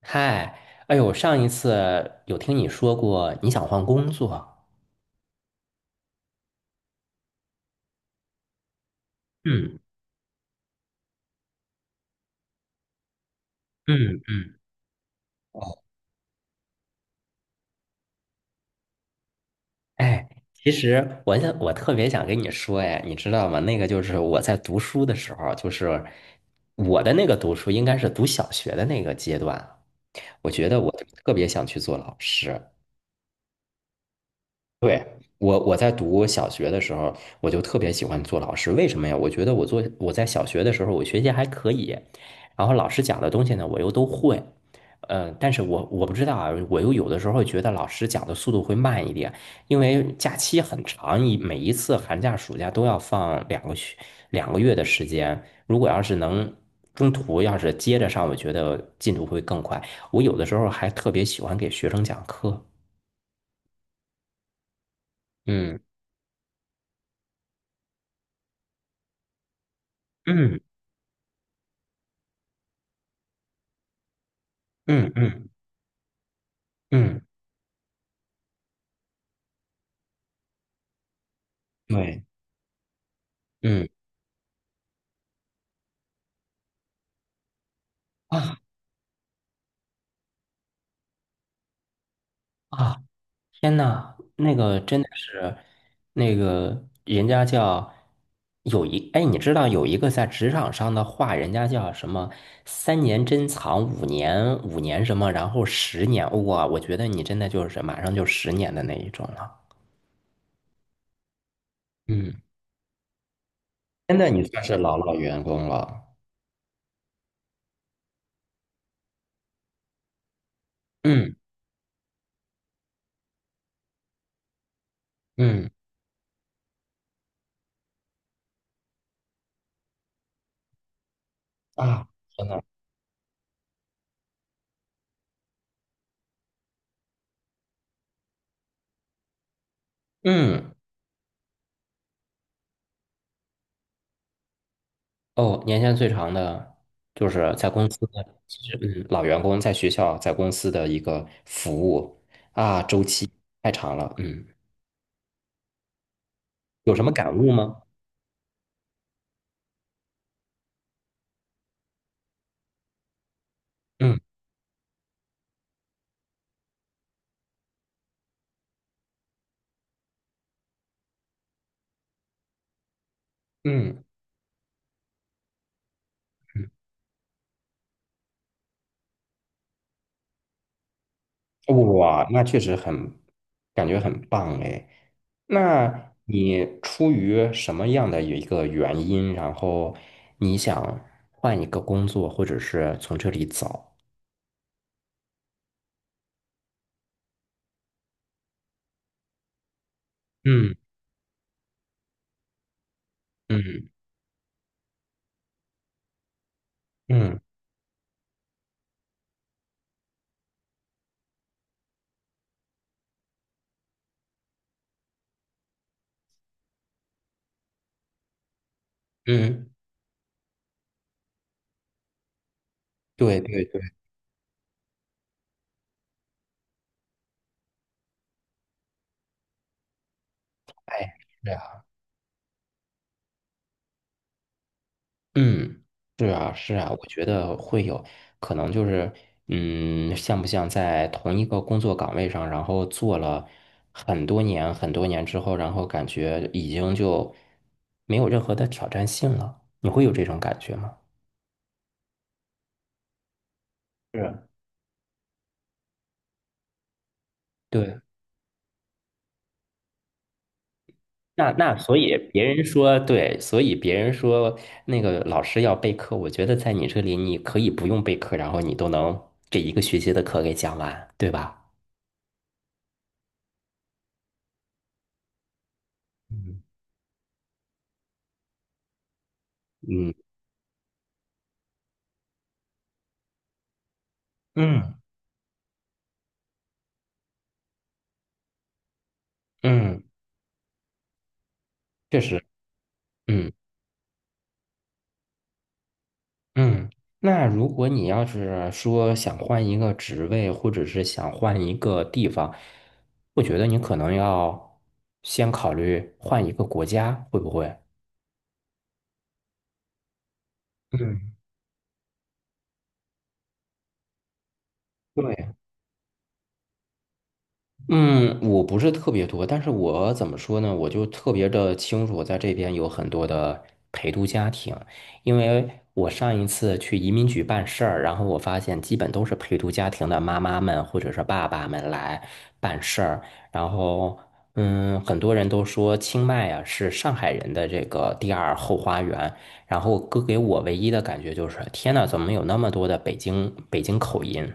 嗨。哎呦，上一次有听你说过你想换工作。嗯嗯嗯。哦。哎，其实我特别想跟你说，哎，你知道吗？那个就是我在读书的时候，就是我的那个读书应该是读小学的那个阶段，我觉得我特别想去做老师。对，我在读小学的时候，我就特别喜欢做老师。为什么呀？我觉得我在小学的时候，我学习还可以，然后老师讲的东西呢，我又都会。嗯，但是我不知道啊，我又有的时候觉得老师讲的速度会慢一点，因为假期很长，每一次寒假、暑假都要放2个月的时间。如果要是能中途要是接着上，我觉得进度会更快。我有的时候还特别喜欢给学生讲课。嗯嗯嗯嗯。嗯。对。嗯啊啊。天呐，那个真的是，那个人家叫哎，你知道有一个在职场上的话，人家叫什么？3年珍藏，五年什么，然后十年，哇，我觉得你真的就是马上就十年的那一种了。嗯，现在你算是老老员工了。嗯嗯啊。真的。嗯。哦，年限最长的就是在公司的。其实，老员工在学校在公司的一个服务啊，周期太长了。嗯。有什么感悟吗？嗯嗯嗯。哇，那确实很，感觉很棒哎。那你出于什么样的一个原因，然后你想换一个工作，或者是从这里走？嗯嗯嗯嗯。对对对。哎。是，嗯，是啊，是啊，我觉得会有可能就是，像不像在同一个工作岗位上，然后做了很多年、很多年之后，然后感觉已经就没有任何的挑战性了，你会有这种感觉吗？是。对，那那所以别人说对，所以别人说那个老师要备课，我觉得在你这里你可以不用备课，然后你都能这一个学期的课给讲完，对吧？嗯嗯嗯。嗯。确实。嗯嗯。那如果你要是说想换一个职位，或者是想换一个地方，我觉得你可能要先考虑换一个国家，会不会？嗯，对。嗯，我不是特别多，但是我怎么说呢？我就特别的清楚，在这边有很多的陪读家庭，因为我上一次去移民局办事儿，然后我发现基本都是陪读家庭的妈妈们或者是爸爸们来办事儿，然后很多人都说清迈啊是上海人的这个第二后花园，然后哥给我唯一的感觉就是，天呐，怎么有那么多的北京口音？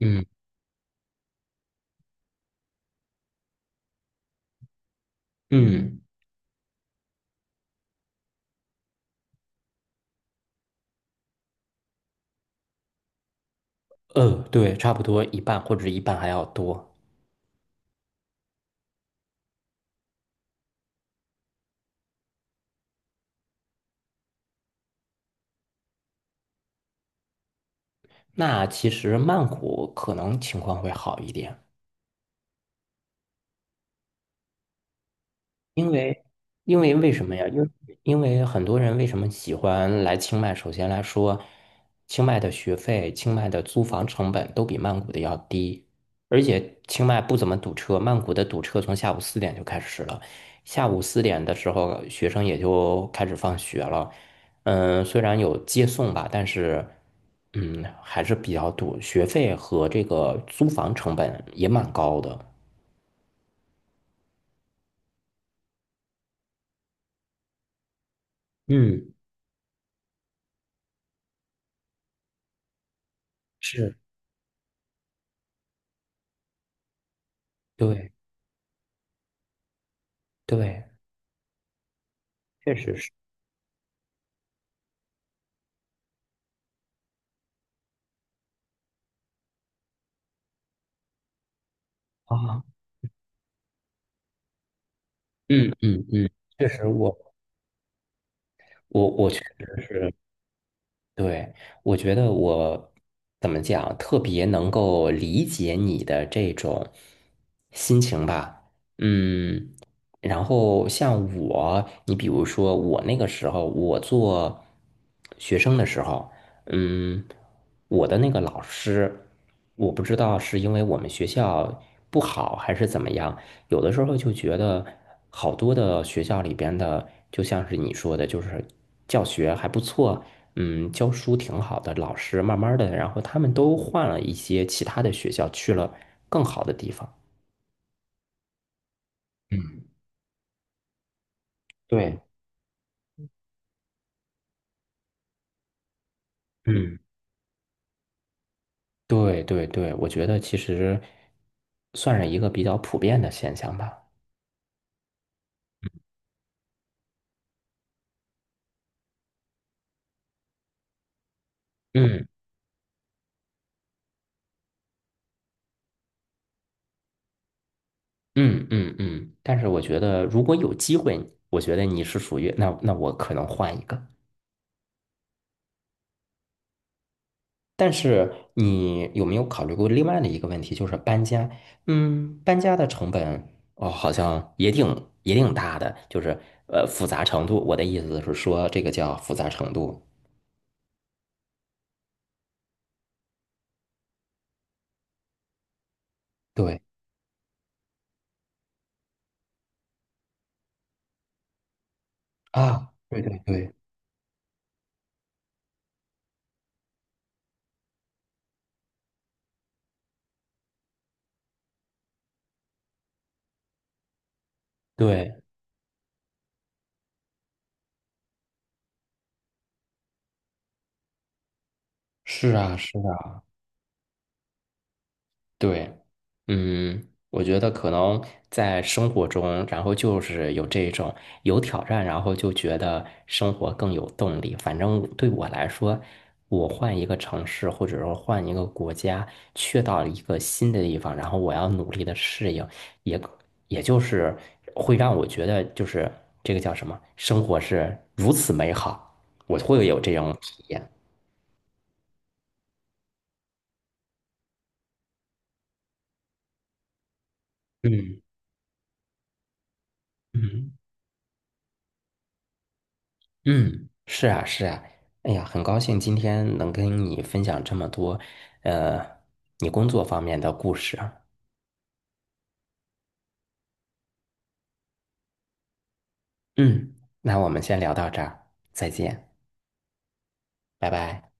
嗯嗯。对，差不多一半或者一半还要多。那其实曼谷可能情况会好一点。因为，因为为什么呀？因为很多人为什么喜欢来清迈？首先来说，清迈的学费、清迈的租房成本都比曼谷的要低，而且清迈不怎么堵车，曼谷的堵车从下午四点就开始了，下午四点的时候学生也就开始放学了。嗯，虽然有接送吧，但是还是比较堵，学费和这个租房成本也蛮高的。嗯，是，对对。确实是啊。嗯嗯嗯。确实我，我确实是，对，我觉得我怎么讲，特别能够理解你的这种心情吧。嗯，然后像我，你比如说我那个时候，我做学生的时候，嗯，我的那个老师，我不知道是因为我们学校不好还是怎么样，有的时候就觉得好多的学校里边的，就像是你说的，就是教学还不错，教书挺好的老师，慢慢的，然后他们都换了一些其他的学校，去了更好的地方。嗯，对，嗯。对对对，我觉得其实算是一个比较普遍的现象吧。嗯嗯嗯嗯。但是我觉得如果有机会，我觉得你是属于那，那我可能换一个。但是你有没有考虑过另外的一个问题，就是搬家？嗯，搬家的成本哦，好像也挺大的，就是复杂程度。我的意思是说，这个叫复杂程度。对啊，对对对对，是啊是啊。对，我觉得可能在生活中，然后就是有这种有挑战，然后就觉得生活更有动力。反正对我来说，我换一个城市，或者说换一个国家，去到一个新的地方，然后我要努力的适应，也可也就是会让我觉得，就是这个叫什么，生活是如此美好，我会有这种体验。嗯嗯。嗯，是啊，是啊，哎呀，很高兴今天能跟你分享这么多，呃，你工作方面的故事啊。嗯。那我们先聊到这儿，再见，拜拜。